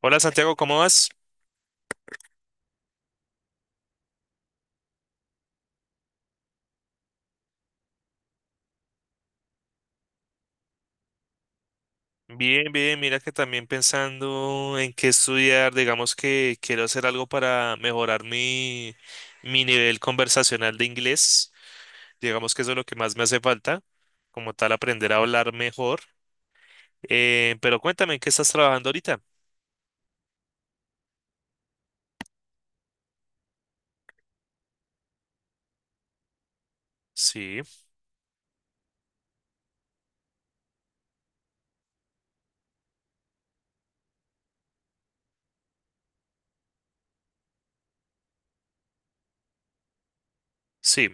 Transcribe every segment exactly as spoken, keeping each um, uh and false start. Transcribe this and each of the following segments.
Hola Santiago, ¿cómo vas? Bien, bien, mira que también pensando en qué estudiar, digamos que quiero hacer algo para mejorar mi, mi nivel conversacional de inglés, digamos que eso es lo que más me hace falta, como tal aprender a hablar mejor. Eh, pero cuéntame, ¿en qué estás trabajando ahorita? Sí, sí,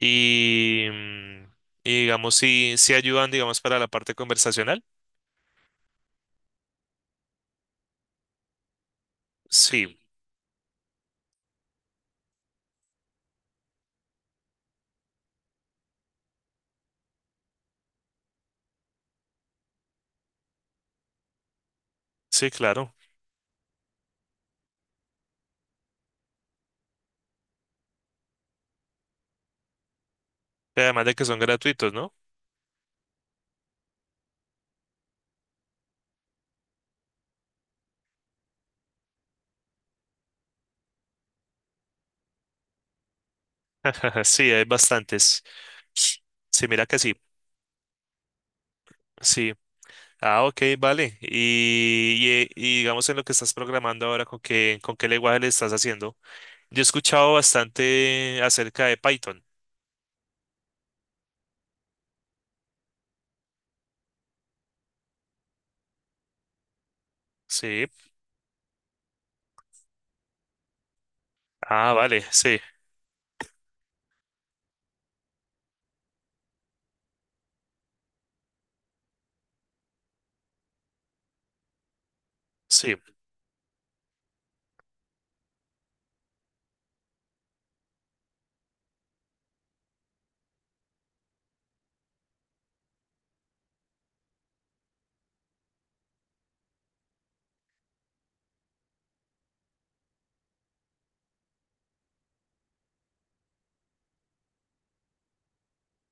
y, mm, y digamos si, si ayudan, digamos, para la parte conversacional, sí, sí, claro, además de que son gratuitos, ¿no? Sí, hay bastantes. Sí, mira que sí, sí. Ah, ok, vale. Y, y- eh, y digamos en lo que estás programando ahora, ¿con qué, con qué lenguaje le estás haciendo? Yo he escuchado bastante acerca de Python. Sí. Ah, vale, sí, sí,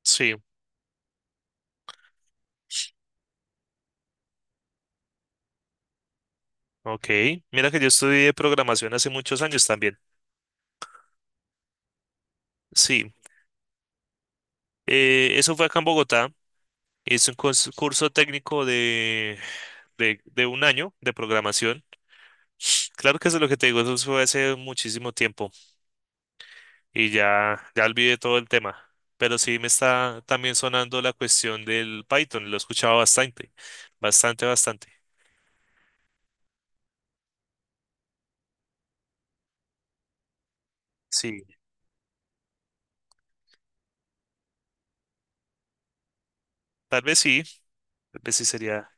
sí. Ok. Mira que yo estudié programación hace muchos años también. Sí. Eh, eso fue acá en Bogotá. Hice un cons- curso técnico de, de, de un año de programación. Claro que eso es lo que te digo, eso fue hace muchísimo tiempo. Y ya, ya olvidé todo el tema. Pero sí me está también sonando la cuestión del Python, lo he escuchado bastante, bastante, bastante. Sí, tal vez sí, tal vez sí sería.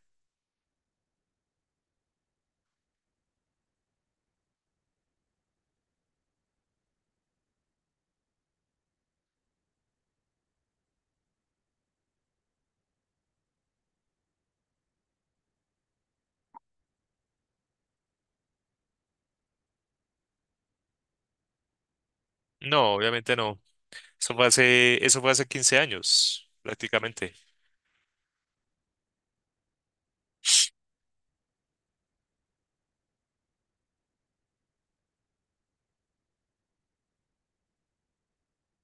No, obviamente no. Eso fue hace, eso fue hace quince años, prácticamente.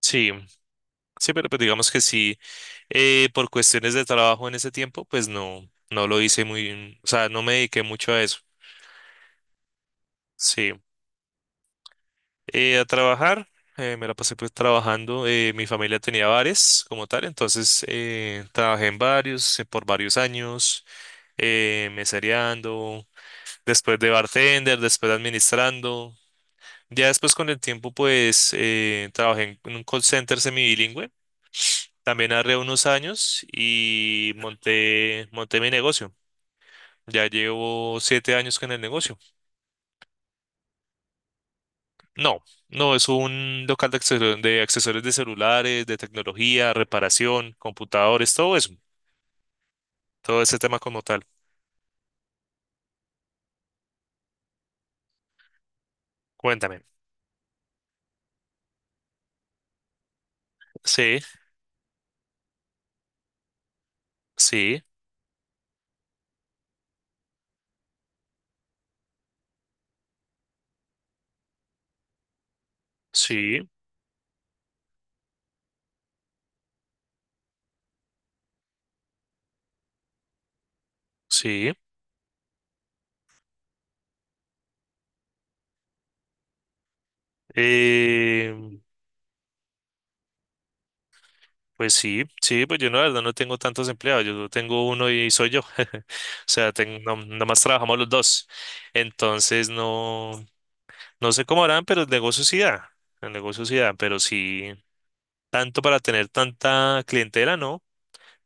Sí, sí, pero pues digamos que sí, eh, por cuestiones de trabajo en ese tiempo, pues no, no lo hice muy, o sea, no me dediqué mucho a eso. Sí. Eh, a trabajar, eh, me la pasé pues trabajando. Eh, mi familia tenía bares como tal, entonces eh, trabajé en varios, eh, por varios años, eh, mesereando, después de bartender, después administrando. Ya después con el tiempo pues eh, trabajé en, en un call center semibilingüe, también hace unos años y monté, monté mi negocio. Ya llevo siete años con el negocio. No, no, es un local de accesorios, de accesorios de celulares, de tecnología, reparación, computadores, todo eso, todo ese tema como tal. Cuéntame. Sí, sí, sí, sí. Eh, pues sí, sí, pues yo no, la verdad no tengo tantos empleados, yo tengo uno y soy yo. O sea, tengo, no- nomás trabajamos los dos. Entonces no, no sé cómo harán, pero el negocio sí da, el negocio sí da, pero sí, tanto para tener tanta clientela, ¿no?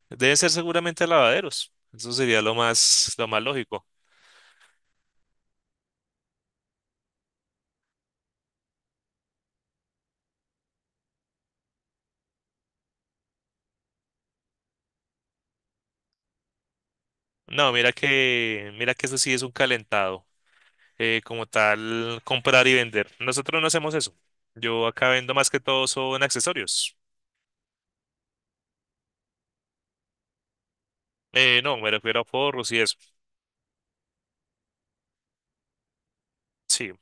Debe ser seguramente lavaderos. Eso sería lo más, lo más lógico. No, mira que, mira que eso sí es un calentado. Eh, como tal, comprar y vender. Nosotros no hacemos eso. Yo acá vendo más que todo son accesorios. Eh, no, me refiero a forros y eso. Sí.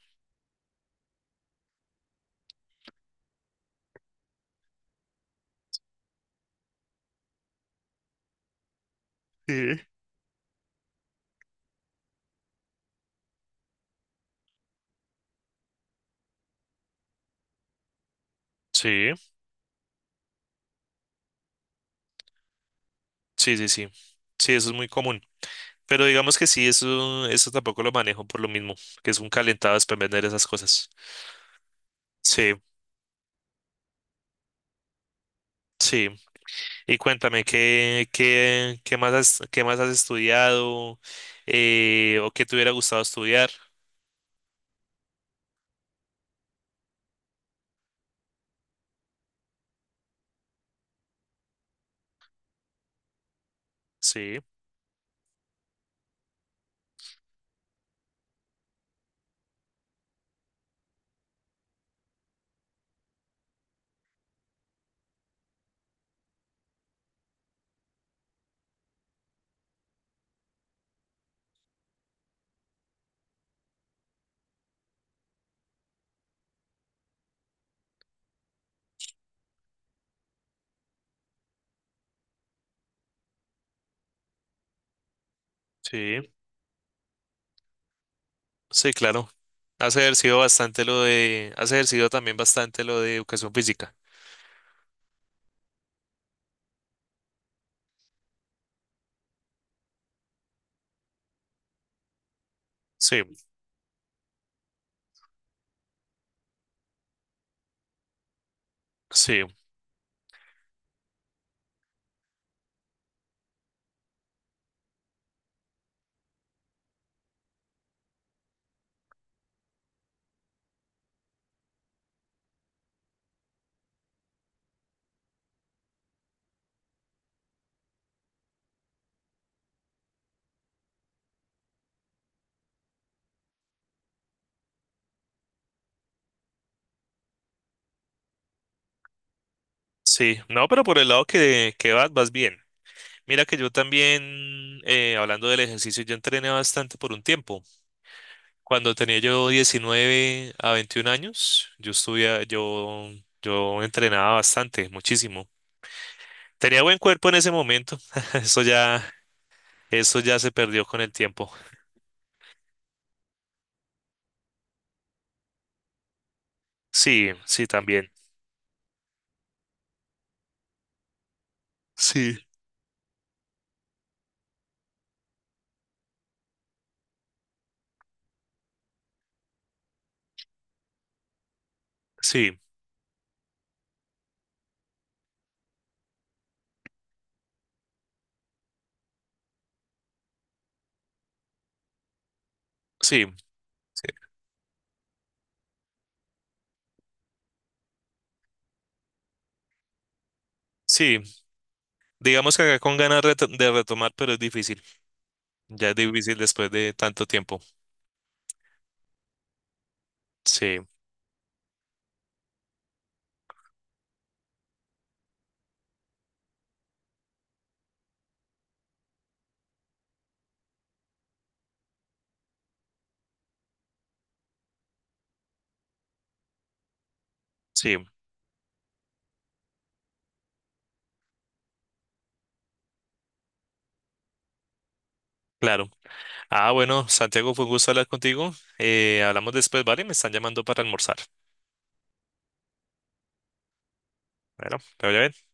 Sí. Sí, sí, sí, sí. Sí, eso es muy común. Pero digamos que sí, eso, eso tampoco lo manejo por lo mismo, que es un calentado después vender esas cosas. Sí, sí. Y cuéntame, ¿qué, qué, qué más has, qué más has estudiado eh, o qué te hubiera gustado estudiar? Sí, sí, sí, claro. Has ejercido bastante lo de, has ejercido también bastante lo de educación física. Sí, sí, sí. No, pero por el lado que, que vas, vas bien. Mira que yo también, eh, hablando del ejercicio, yo entrené bastante por un tiempo. Cuando tenía yo diecinueve a veintiún años, yo estudia, yo, yo entrenaba bastante, muchísimo. Tenía buen cuerpo en ese momento. Eso ya, eso ya se perdió con el tiempo. Sí, sí, también. Sí, sí, sí, sí. Sí, digamos que acá con ganas reto- de retomar, pero es difícil. Ya es difícil después de tanto tiempo. Sí, sí, claro. Ah, bueno, Santiago, fue un gusto hablar contigo. Eh, hablamos después, ¿vale? Me están llamando para almorzar. Bueno, pero ya ven.